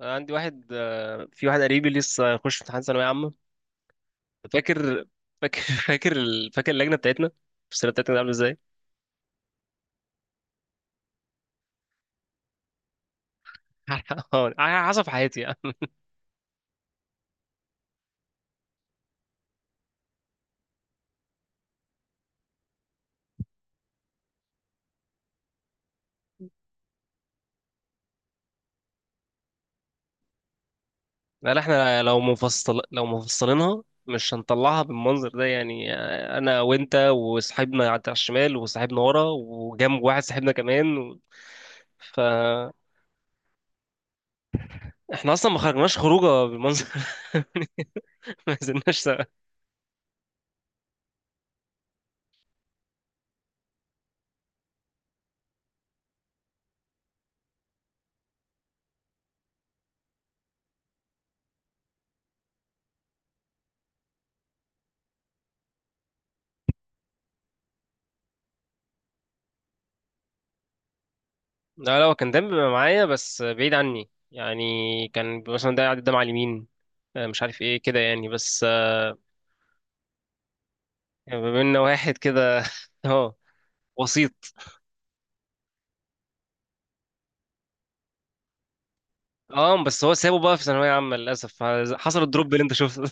عندي واحد، في واحد قريبي لسه هيخش امتحان ثانوية عامة. فاكر فاكر فاكر اللجنة بتاعتنا. السنة بتاعتنا كانت عاملة ازاي؟ على حسب حياتي يعني. قال احنا لو مفصلينها مش هنطلعها بالمنظر ده، يعني انا وانت وصاحبنا على الشمال، وصاحبنا ورا، وجنب واحد صاحبنا كمان، و. فاحنا اصلا ما خرجناش خروجه بالمنظر. ما نزلناش. لا، لا، هو كان دايما بيبقى معايا بس بعيد عني يعني. كان مثلا ده قاعد قدام على اليمين. مش عارف ايه كده يعني، بس بما ان واحد كده، اه، وسيط. اه، بس هو سابه بقى في ثانوية عامة للأسف. حصل الدروب اللي انت شفته.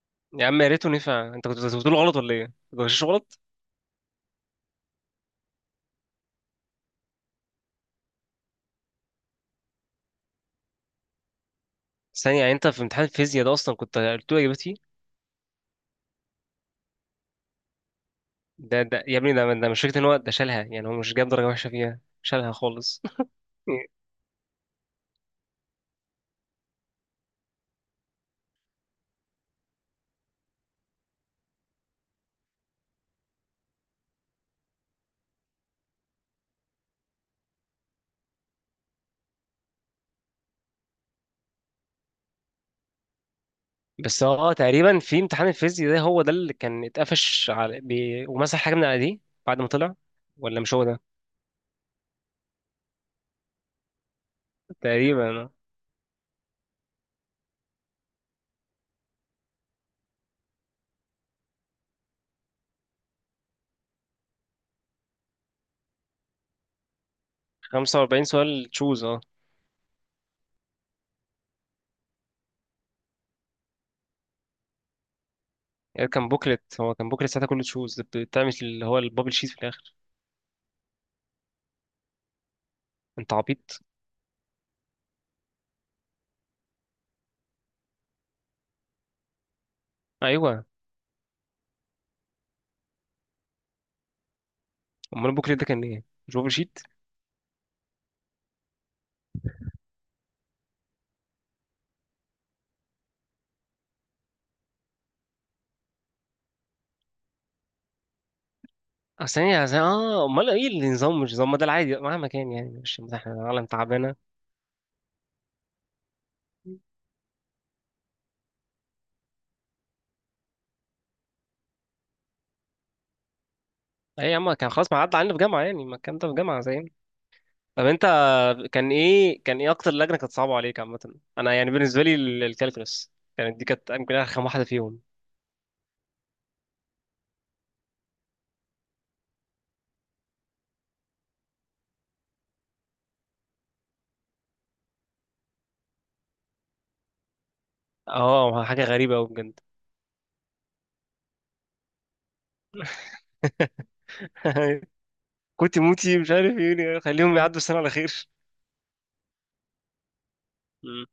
يا عم، يا ريته نفع. انت كنت بتقول غلط ولا ايه؟ كنت مش غلط؟ ثانية، يعني انت في امتحان الفيزياء ده اصلا كنت قلت له اجابتي؟ ده يا ابني، ده مش فكرة ان هو ده شالها، يعني هو مش جاب درجة وحشة فيها، شالها خالص. بس هو تقريبا في امتحان الفيزياء ده هو ده اللي كان اتقفش ومسح حاجة من على دي بعد ما طلع. ولا مش هو ده؟ تقريبا 45 سؤال تشوز، اه. يعني كان بوكلت، هو كان بوكلت ساعتها كله تشوز، بتعمل اللي هو البابل شيت في الاخر. انت عبيط؟ ايوه، امال البوكلت ده كان ايه، مش بابل شيت؟ اصل هي اه، امال ايه النظام؟ مش نظام، ما ده العادي مهما كان، يعني مش احنا عالم تعبانه. اي يا عم، كان خلاص ما عدى علينا في جامعه، يعني ما الكلام ده في جامعه زي. طب انت، كان ايه اكتر لجنه كانت صعبه عليك عامه؟ انا يعني بالنسبه لي الكالكولس، كانت دي كانت يمكن ارخم واحده فيهم. اه، حاجه غريبه قوي بجد. كنت موتي، مش عارف ايه، يعني خليهم يعدوا السنه على خير. مم.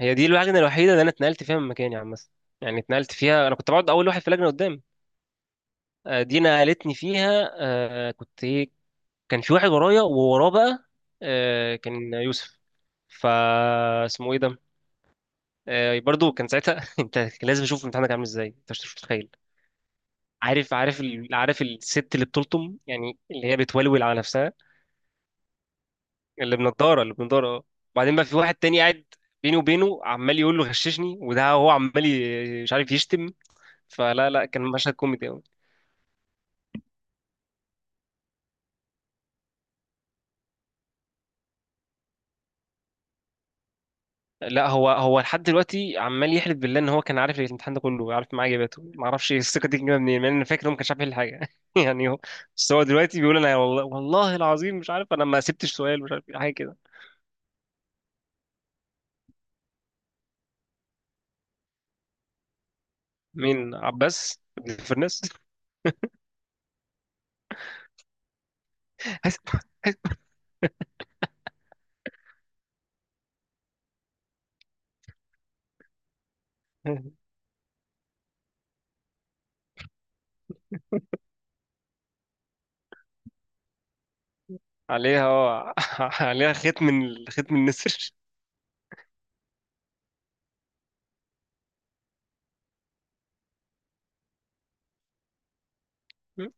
هي دي اللجنه الوحيده اللي انا اتنقلت فيها من مكاني عامه. يعني اتنقلت فيها، انا كنت بقعد اول واحد في اللجنه قدام. دي نقلتني فيها، كنت ايه. كان في واحد ورايا، ووراه بقى كان يوسف. فا اسمه ايه ده. برضو كان ساعتها، انت، كان لازم اشوف امتحانك عامل ازاي، انت مش متخيل. عارف الست اللي بتلطم، يعني اللي هي بتولول على نفسها. اللي بنضاره اه. وبعدين بقى في واحد تاني قاعد بيني وبينه عمال يقول له غششني، وده هو عمال مش عارف يشتم. فلا، لا، كان مشهد كوميدي قوي. لا، هو لحد دلوقتي عمال يحلف بالله ان هو كان عارف الامتحان ده كله، عارف معاه اجاباته، ما اعرفش. إيه الثقه دي جايه منين؟ لان انا فاكر إن هو ما كانش عارف يحل حاجه. يعني هو، بس هو دلوقتي بيقول انا والله، والله العظيم مش عارف، انا ما سبتش سؤال، مش عارف إيه، حاجه كده. مين؟ عباس ابن الفرنس؟ هسمع. هسمع. عليها اه عليها خيط، من النسر.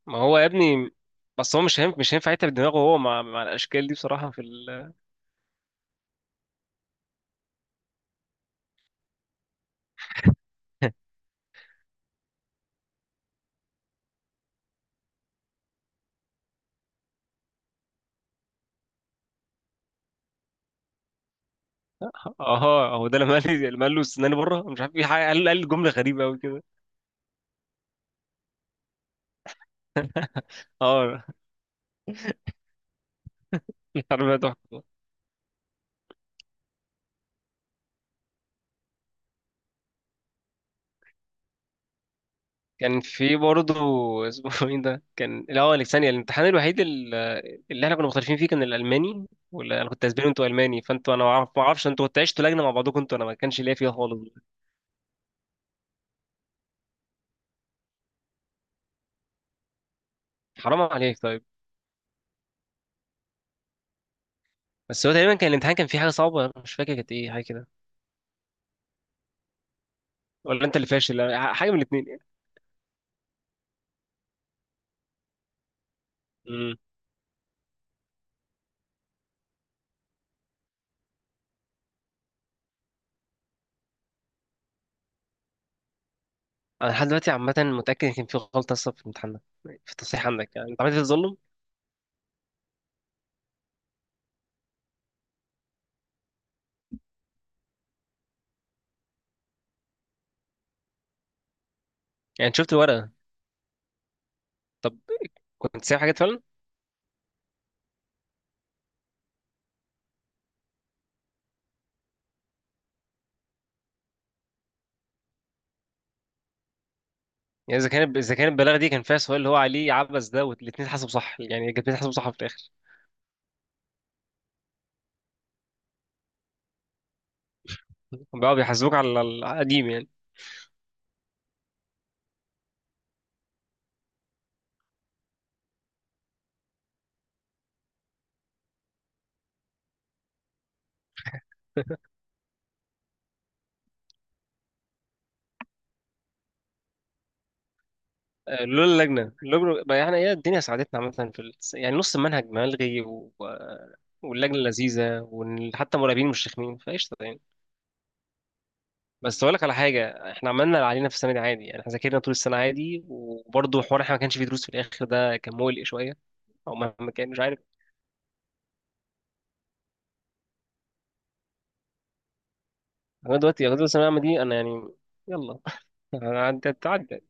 ما هو يا ابني، بس هو مش هينفع يتعب دماغه هو مع الاشكال دي بصراحه اه، هو ده، لما قال لي، لما قال له استناني بره، مش عارف ايه قال جمله غريبه قوي كده. اه. الحرب ده تحفة. كان في برضه، اسمه ايه ده، كان، لا هو ثانية، الامتحان الوحيد اللي احنا كنا مختلفين فيه كان الالماني، ولا انا كنت اسباني وانتوا الماني، فانتوا انا ما اعرفش انتوا كنتوا عشتوا لجنه مع بعضكم انتوا، انا ما كانش ليا فيها خالص. حرام عليك طيب. بس هو تقريبا كان الامتحان كان فيه حاجه صعبه، أنا مش فاكر كانت ايه، حاجه كده. ولا انت اللي فاشل؟ حاجه من الاثنين يعني. امم. انا لحد دلوقتي عامه متاكد ان كان في غلطه اصلا في الامتحان ده، في التصحيح عندك، يعني انت عملت تظلم. يعني أنت شفت الورقه؟ طب كنت سايب حاجات؟ يعني اذا كان البلاغه دي كان فيها سؤال اللي هو عليه عبس ده، والاثنين اتحسبوا صح، يعني الاثنين اتحسبوا صح في الاخر؟ هم بقوا بيحاسبوك على القديم يعني. لولا اللجنه بقى. يعني ايه، الدنيا ساعدتنا عامه يعني نص المنهج ملغي، و. واللجنه لذيذه، وحتى المراقبين مش رخمين، فقشطه يعني. بس اقول لك على حاجه، احنا عملنا اللي علينا في السنه دي عادي، يعني احنا ذاكرنا طول السنه عادي، وبرضه حوار احنا ما كانش فيه دروس في الاخر، ده كان مقلق شويه، او مهما كان، مش عارف. انا دلوقتي الثانويه العامه دي، انا يعني، يلا. هتعدي.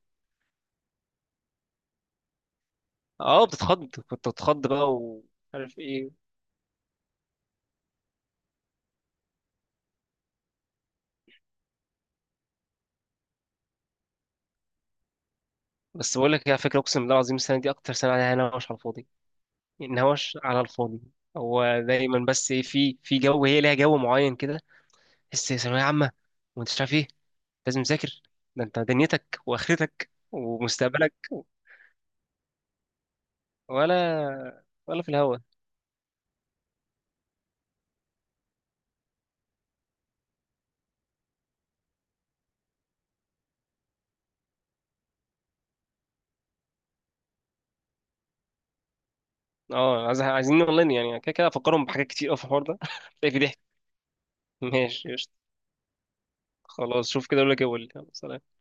اه، بتتخض. كنت بتخض بقى، ومش عارف ايه. بس بقول لك ايه، على فكره اقسم بالله العظيم السنه دي اكتر سنه عليها نوش على الفاضي. نوش على الفاضي. هو دايما، بس ايه، في جو، هي ليها جو معين كده. تحس ثانويه عامه، وانت مش عارف ايه. لازم تذاكر. ده انت دنيتك واخرتك ومستقبلك. ولا في الهوا. اه، عايزين اونلاين، يعني كده كده افكرهم بحاجات كتير قوي في الحوار ده، تلاقي في ضحك. ماشي قشطة. خلاص شوف كده، اقول لك ايه وقول لي. يلا، سلام.